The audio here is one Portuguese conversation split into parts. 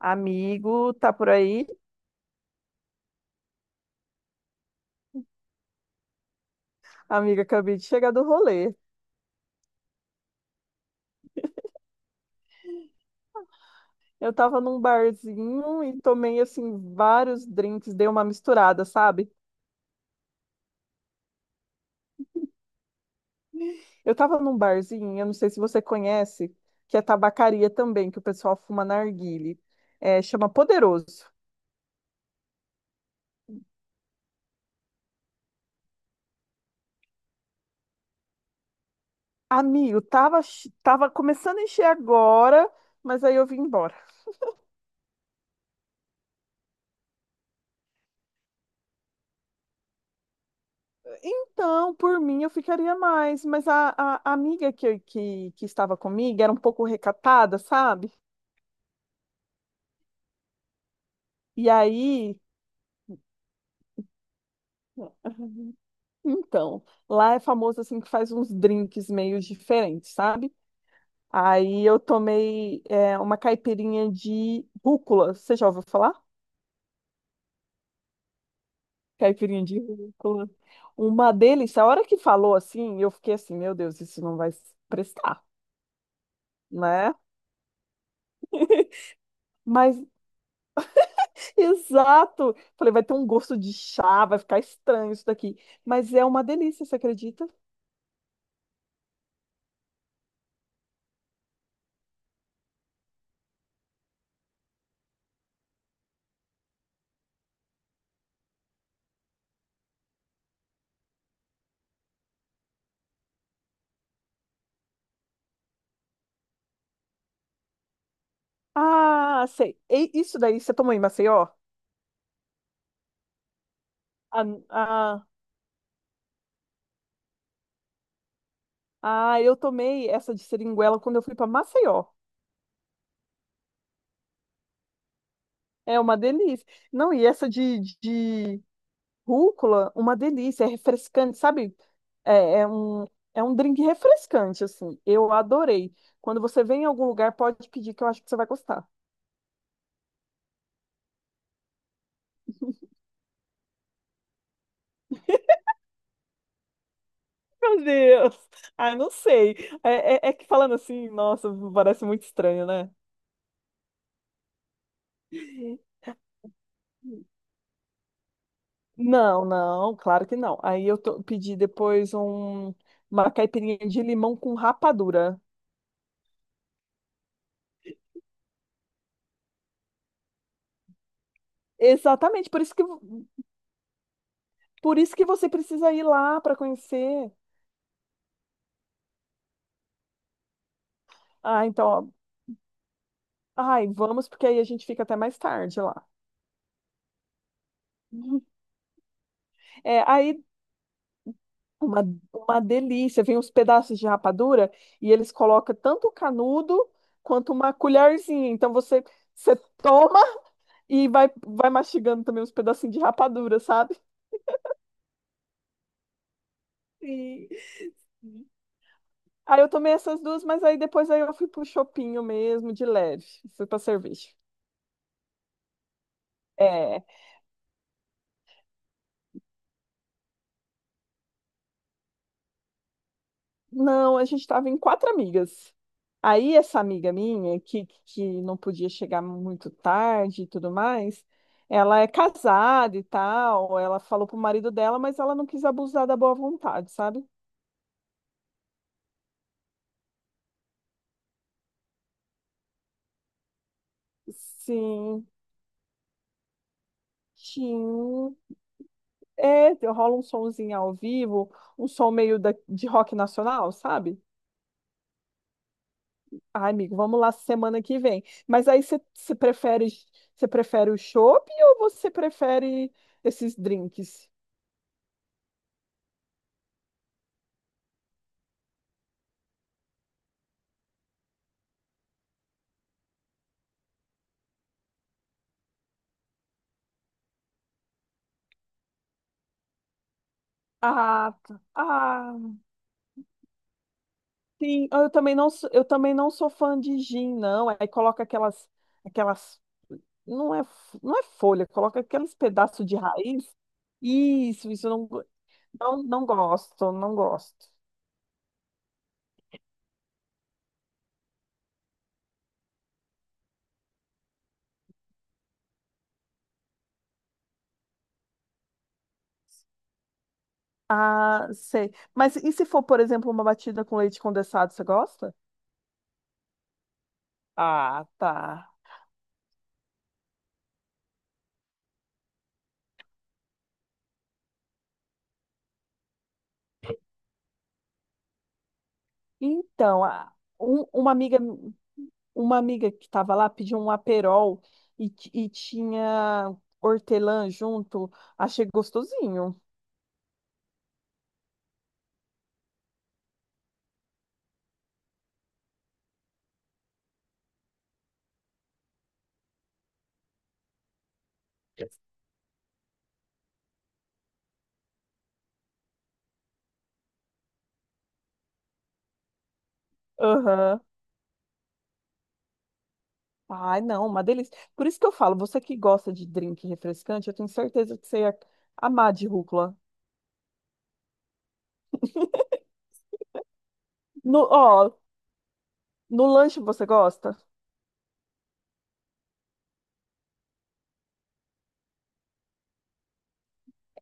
Amigo, tá por aí? Amiga, acabei de chegar do rolê. Eu tava num barzinho e tomei, assim, vários drinks, dei uma misturada, sabe? Eu tava num barzinho, eu não sei se você conhece, que é tabacaria também, que o pessoal fuma narguile. É, chama Poderoso. Amigo, tava começando a encher agora, mas aí eu vim embora. Então, por mim, eu ficaria mais, mas a amiga que estava comigo era um pouco recatada, sabe? E aí. Então, lá é famoso assim que faz uns drinks meio diferentes, sabe? Aí eu tomei uma caipirinha de rúcula. Você já ouviu falar? Caipirinha de rúcula. Uma delícia. A hora que falou assim, eu fiquei assim, meu Deus, isso não vai prestar, né? Mas, exato. Falei, vai ter um gosto de chá, vai ficar estranho isso daqui. Mas é uma delícia, você acredita? Ah, sei. E isso daí você tomou em Maceió? Ah. Ah, eu tomei essa de seringuela quando eu fui para Maceió. É uma delícia. Não, e essa de rúcula, uma delícia, é refrescante, sabe? É, é um, é um drink refrescante, assim. Eu adorei. Quando você vem em algum lugar, pode pedir, que eu acho que você vai gostar. Meu Deus! Ah, não sei. É que falando assim, nossa, parece muito estranho, né? Não, não, claro que não. Aí eu pedi depois uma caipirinha de limão com rapadura. Exatamente, por isso que você precisa ir lá para conhecer. Ah, então, ó, ai, vamos, porque aí a gente fica até mais tarde lá. Uhum. É, aí uma, uma delícia, vem uns pedaços de rapadura e eles colocam tanto o canudo quanto uma colherzinha. Então você toma e vai mastigando também uns pedacinhos de rapadura, sabe? Sim. Aí eu tomei essas duas, mas aí depois aí eu fui pro chopinho mesmo, de leve, fui pra cerveja. É. Não, a gente estava em quatro amigas. Aí essa amiga minha, que não podia chegar muito tarde e tudo mais, ela é casada e tal, ela falou pro marido dela, mas ela não quis abusar da boa vontade, sabe? Sim, sim. É, rola um somzinho ao vivo, um som meio de rock nacional, sabe? Ai, amigo, vamos lá semana que vem. Mas aí você prefere o chopp ou você prefere esses drinks? Ah, tá. Ah, sim. Ah, eu também não, sou fã de gin, não. Aí coloca aquelas, não é, não é folha, coloca aqueles pedaços de raiz. Isso eu não, não, não gosto, não gosto. Ah, sei. Mas e se for, por exemplo, uma batida com leite condensado, você gosta? Ah, tá. Então, um- uma amiga, uma amiga que estava lá pediu um aperol e tinha hortelã junto. Achei gostosinho. Aham. Ai, não, uma delícia. Por isso que eu falo, você que gosta de drink refrescante, eu tenho certeza que você ia amar de rúcula. No, ó, no lanche você gosta?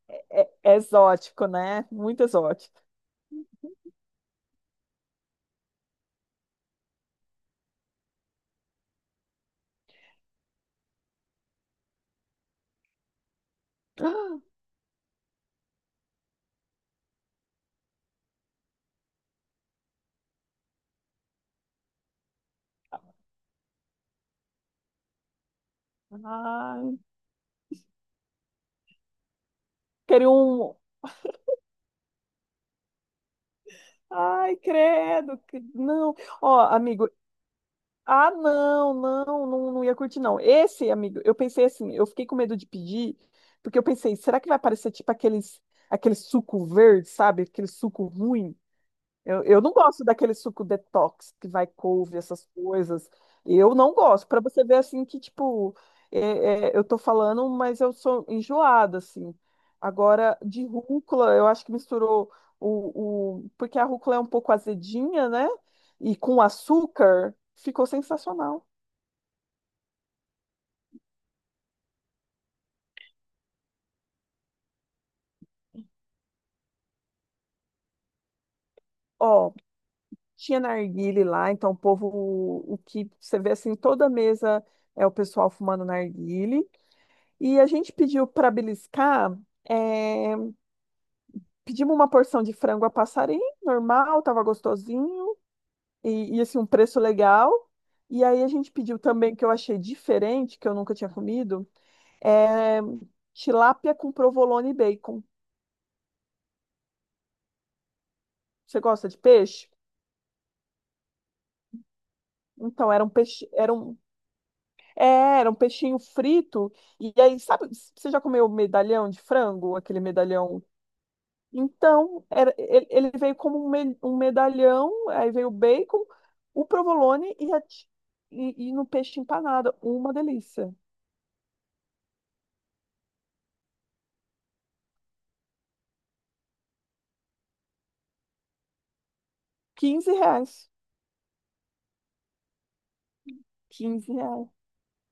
É exótico, né? Muito exótico. Ai, queria um. Ai, credo. Não. Ó, amigo, ah, não, não, não, não ia curtir, não. Esse, amigo, eu pensei assim, eu fiquei com medo de pedir, porque eu pensei, será que vai parecer tipo aqueles, aquele suco verde, sabe? Aquele suco ruim. Eu não gosto daquele suco detox que vai couve, essas coisas. Eu não gosto. Para você ver assim que, tipo, eu tô falando, mas eu sou enjoada, assim. Agora, de rúcula, eu acho que misturou Porque a rúcula é um pouco azedinha, né? E com açúcar, ficou sensacional. Ó, tinha narguile lá, então o povo, o que você vê assim, toda mesa é o pessoal fumando narguile. E a gente pediu para beliscar. é, Pedimos uma porção de frango a passarim, normal, tava gostosinho, e assim, um preço legal. E aí a gente pediu também, que eu achei diferente, que eu nunca tinha comido, é tilápia com provolone e bacon. Você gosta de peixe? Então, era um peixe, era um peixinho frito. E aí, sabe, você já comeu medalhão de frango? Aquele medalhão. Então, ele veio como um medalhão, aí veio o bacon, o provolone e no peixe empanado. Uma delícia. 15 reais. 15 reais.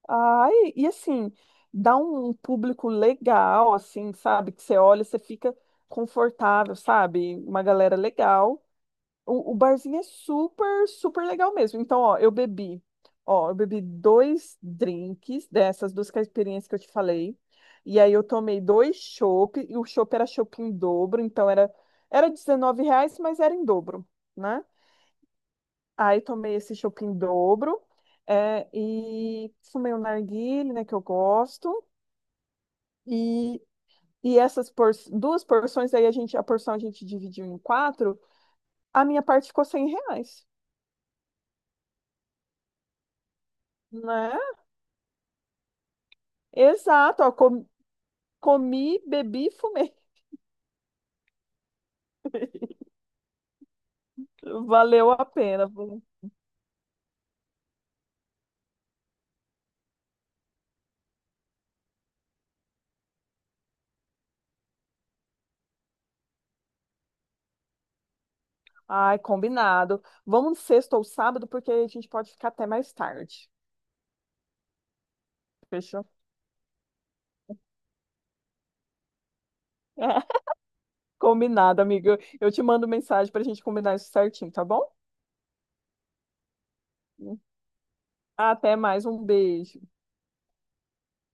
Ai, e assim, dá um público legal, assim, sabe? Que você olha, você fica confortável, sabe? Uma galera legal. O barzinho é super, super legal mesmo. Então, ó, eu bebi dois drinks dessas duas caipirinhas que eu te falei. E aí eu tomei dois chopp, e o chopp era chopp em dobro, então era 19 reais, mas era em dobro, né? Aí tomei esse chopp em dobro, e fumei um narguilé, né, que eu gosto. E, e essas duas porções, aí a porção a gente dividiu em quatro, a minha parte ficou 100 reais, né? Exato, ó, comi, bebi e fumei. Valeu a pena, viu? Ai, combinado. Vamos sexta ou sábado, porque a gente pode ficar até mais tarde. Fechou? Combinado, amiga. Eu te mando mensagem para a gente combinar isso certinho, tá bom? Até mais, um beijo.